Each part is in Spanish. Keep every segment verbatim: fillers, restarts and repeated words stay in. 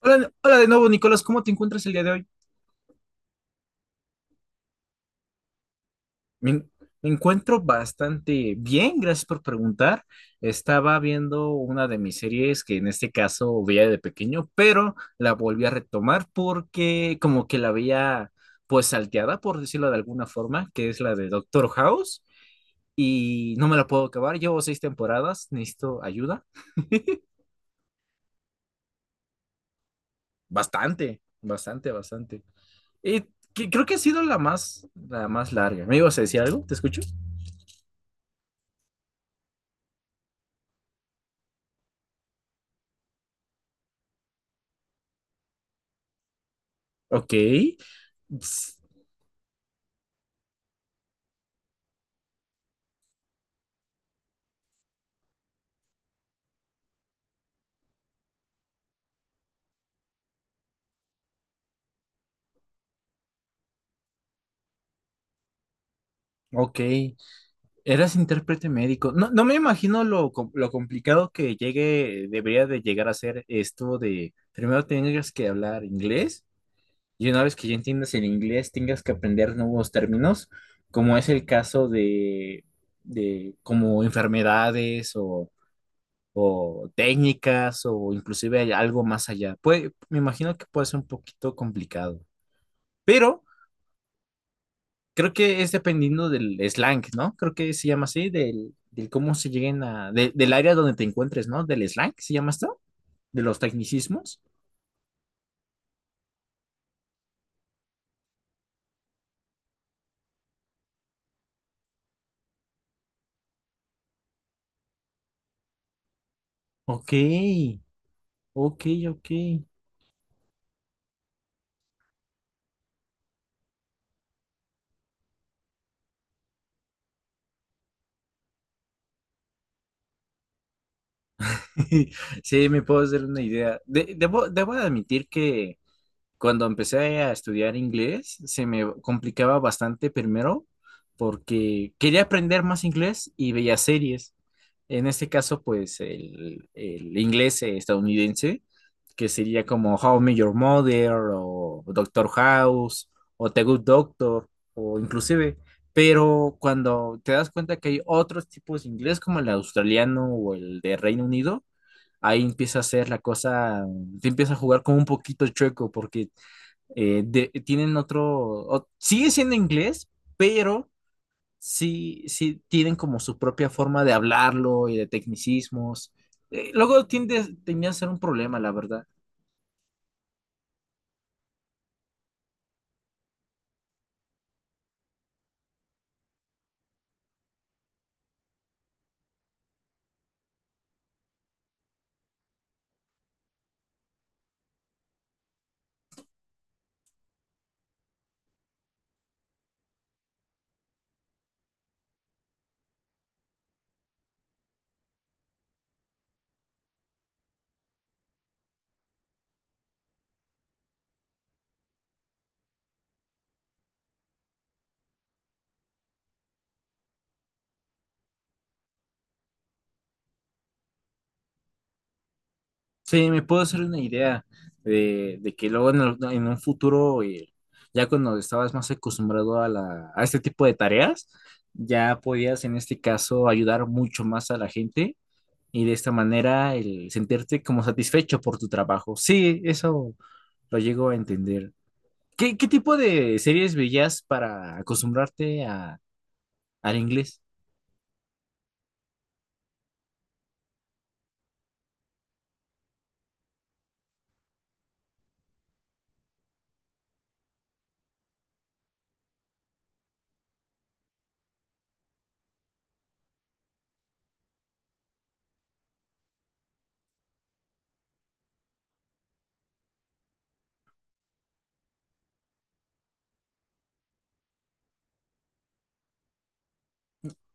Hola, hola de nuevo, Nicolás, ¿cómo te encuentras el día de hoy? Me, en- Me encuentro bastante bien, gracias por preguntar. Estaba viendo una de mis series que en este caso veía de pequeño, pero la volví a retomar porque como que la veía pues salteada, por decirlo de alguna forma, que es la de Doctor House y no me la puedo acabar. Llevo seis temporadas, necesito ayuda. Bastante, bastante, bastante. Y que- Creo que ha sido la más, la más larga. ¿Me ibas a decir algo? ¿Te escucho? Ok. Ps, ok. Eras intérprete médico. No, no me imagino lo, com- lo complicado que llegue, debería de llegar a ser esto de primero tengas que hablar inglés y una vez que ya entiendas el inglés tengas que aprender nuevos términos, como es el caso de, de como enfermedades o, o técnicas o inclusive hay algo más allá. Puede, me imagino que puede ser un poquito complicado, pero creo que es dependiendo del slang, ¿no? Creo que se llama así, del, del cómo se lleguen a, de- del área donde te encuentres, ¿no? Del slang, ¿se llama esto? De los tecnicismos. Ok, ok, ok. Sí, me puedo hacer una idea. De- debo, debo, admitir que cuando empecé a estudiar inglés, se me complicaba bastante primero porque quería aprender más inglés y veía series. En este caso, pues el, el inglés eh, estadounidense, que sería como How I Met Your Mother o Doctor House o The Good Doctor o inclusive, pero cuando te das cuenta que hay otros tipos de inglés como el australiano o el de Reino Unido, ahí empieza a ser la cosa, te empieza a jugar como un poquito chueco porque eh, de- tienen otro, o- sigue siendo inglés, pero sí, sí tienen como su propia forma de hablarlo y de tecnicismos. Eh, luego tiende, tenía a ser un problema, la verdad. Sí, me puedo hacer una idea de, de que luego en, el- en un futuro, eh, ya cuando estabas más acostumbrado a, la, a este tipo de tareas, ya podías en este caso ayudar mucho más a la gente y de esta manera el sentirte como satisfecho por tu trabajo. Sí, eso lo llego a entender. ¿Qué, qué tipo de series veías para acostumbrarte a, al inglés?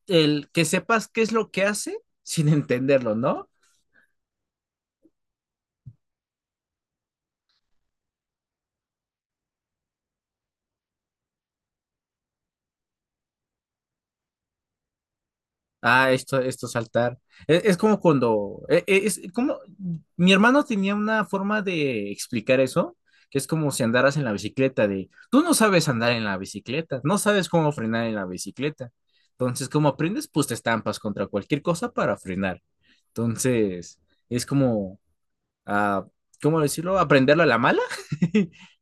El que sepas qué es lo que hace sin entenderlo, ¿no? Ah, esto, esto saltar. Es, es como cuando, e- e- es, como, mi hermano tenía una forma de explicar eso, que es como si andaras en la bicicleta, de, tú no sabes andar en la bicicleta, no sabes cómo frenar en la bicicleta. Entonces, como aprendes, pues te estampas contra cualquier cosa para frenar. Entonces, es como, ah, ¿cómo decirlo? Aprenderlo a la mala.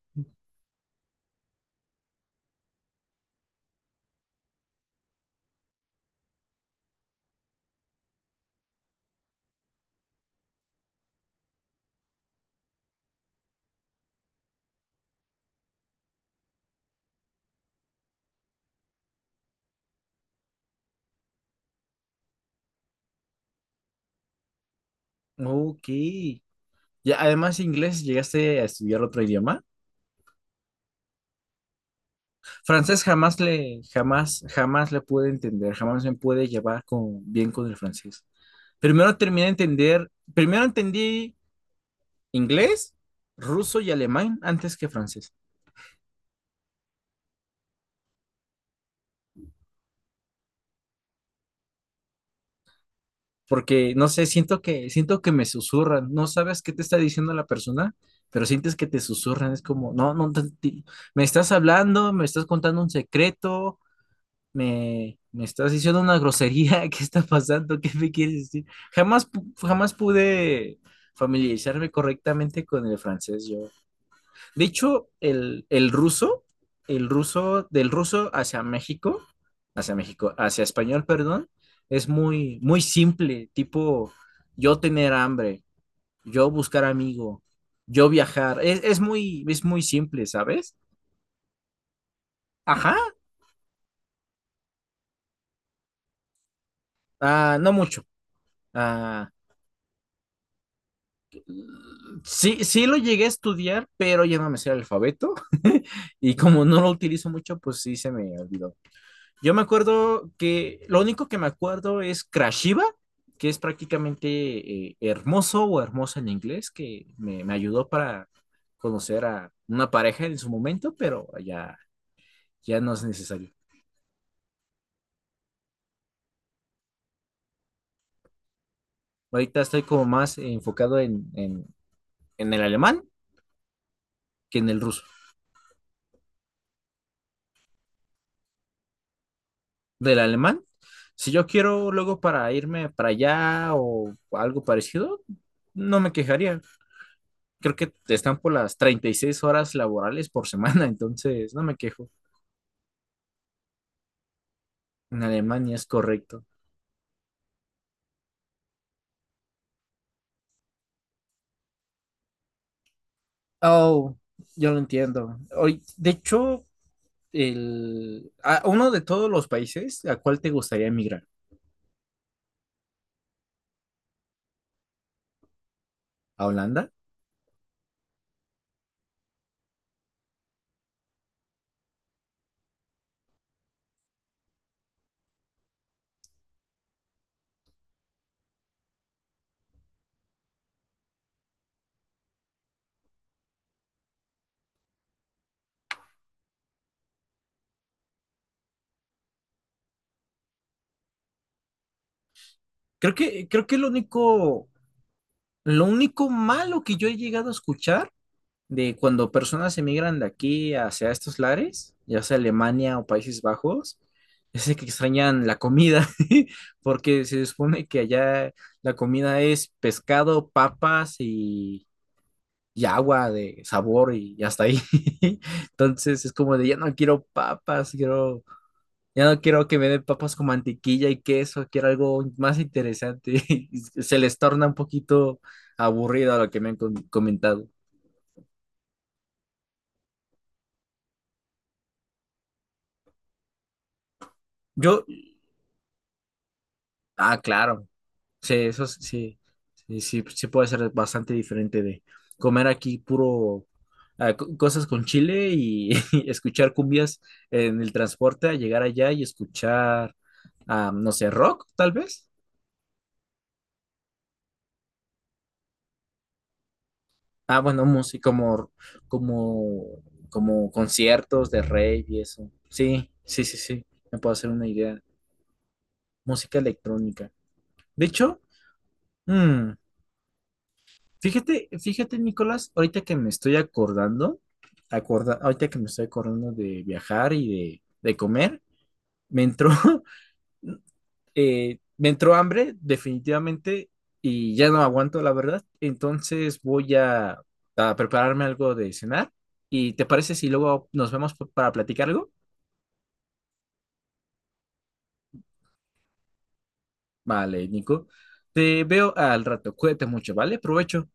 Ok. Y además, inglés, ¿llegaste a estudiar otro idioma? Francés jamás le, jamás, jamás le pude entender, jamás me pude llevar con, bien con el francés. Primero terminé de entender, primero entendí inglés, ruso y alemán antes que francés, porque no sé, siento que, siento que me susurran, no sabes qué te está diciendo la persona, pero sientes que te susurran, es como, no, no, te- ti- me estás hablando, me estás contando un secreto, Me, me estás diciendo una grosería, ¿qué está pasando? ¿Qué me quieres decir? Jamás, pu- jamás pude familiarizarme correctamente con el francés yo. De hecho, el, el ruso, el ruso, del ruso hacia México, hacia México, hacia español, perdón, es muy, muy simple, tipo yo tener hambre, yo buscar amigo, yo viajar, es, es muy, es muy simple, ¿sabes? Ajá, ah, no mucho. Ah, sí, sí lo llegué a estudiar, pero ya no me sé el alfabeto. Y como no lo utilizo mucho, pues sí se me olvidó. Yo me acuerdo que lo único que me acuerdo es Krashiva, que es prácticamente eh, hermoso o hermosa en inglés, que me, me ayudó para conocer a una pareja en su momento, pero ya, ya no es necesario. Ahorita estoy como más enfocado en, en en el alemán que en el ruso. Del alemán, si yo quiero luego para irme para allá o algo parecido, no me quejaría. Creo que están por las treinta y seis horas laborales por semana, entonces no me quejo. En Alemania es correcto. Oh, yo lo entiendo. Hoy, de hecho, el, a uno de todos los países, ¿a cuál te gustaría emigrar? ¿A Holanda? Creo que, creo que lo único, lo único malo que yo he llegado a escuchar de cuando personas emigran de aquí hacia estos lares, ya sea Alemania o Países Bajos, es de que extrañan la comida, porque se supone que allá la comida es pescado, papas y, y agua de sabor y, y hasta ahí. Entonces es como de, ya no quiero papas, quiero, ya no quiero que me den papas con mantequilla y queso, quiero algo más interesante. Y se les torna un poquito aburrido a lo que me han com- comentado. Yo, ah, claro. Sí, eso s- sí, sí, sí, sí puede ser bastante diferente de comer aquí puro ah, co- cosas con chile y, y escuchar cumbias en el transporte a llegar allá y escuchar, ah, no sé, rock tal vez. Ah, bueno, música como, como, como conciertos de rey y eso. Sí, sí, sí, sí, me puedo hacer una idea. Música electrónica. De hecho, mm, fíjate, fíjate, Nicolás, ahorita que me estoy acordando, acorda- ahorita que me estoy acordando de viajar y de, de comer, me entró, eh, me entró hambre, definitivamente, y ya no aguanto, la verdad. Entonces voy a, a prepararme algo de cenar. ¿Y te parece si luego nos vemos pa- para platicar algo? Vale, Nico. Te veo al rato. Cuídate mucho, ¿vale? Provecho.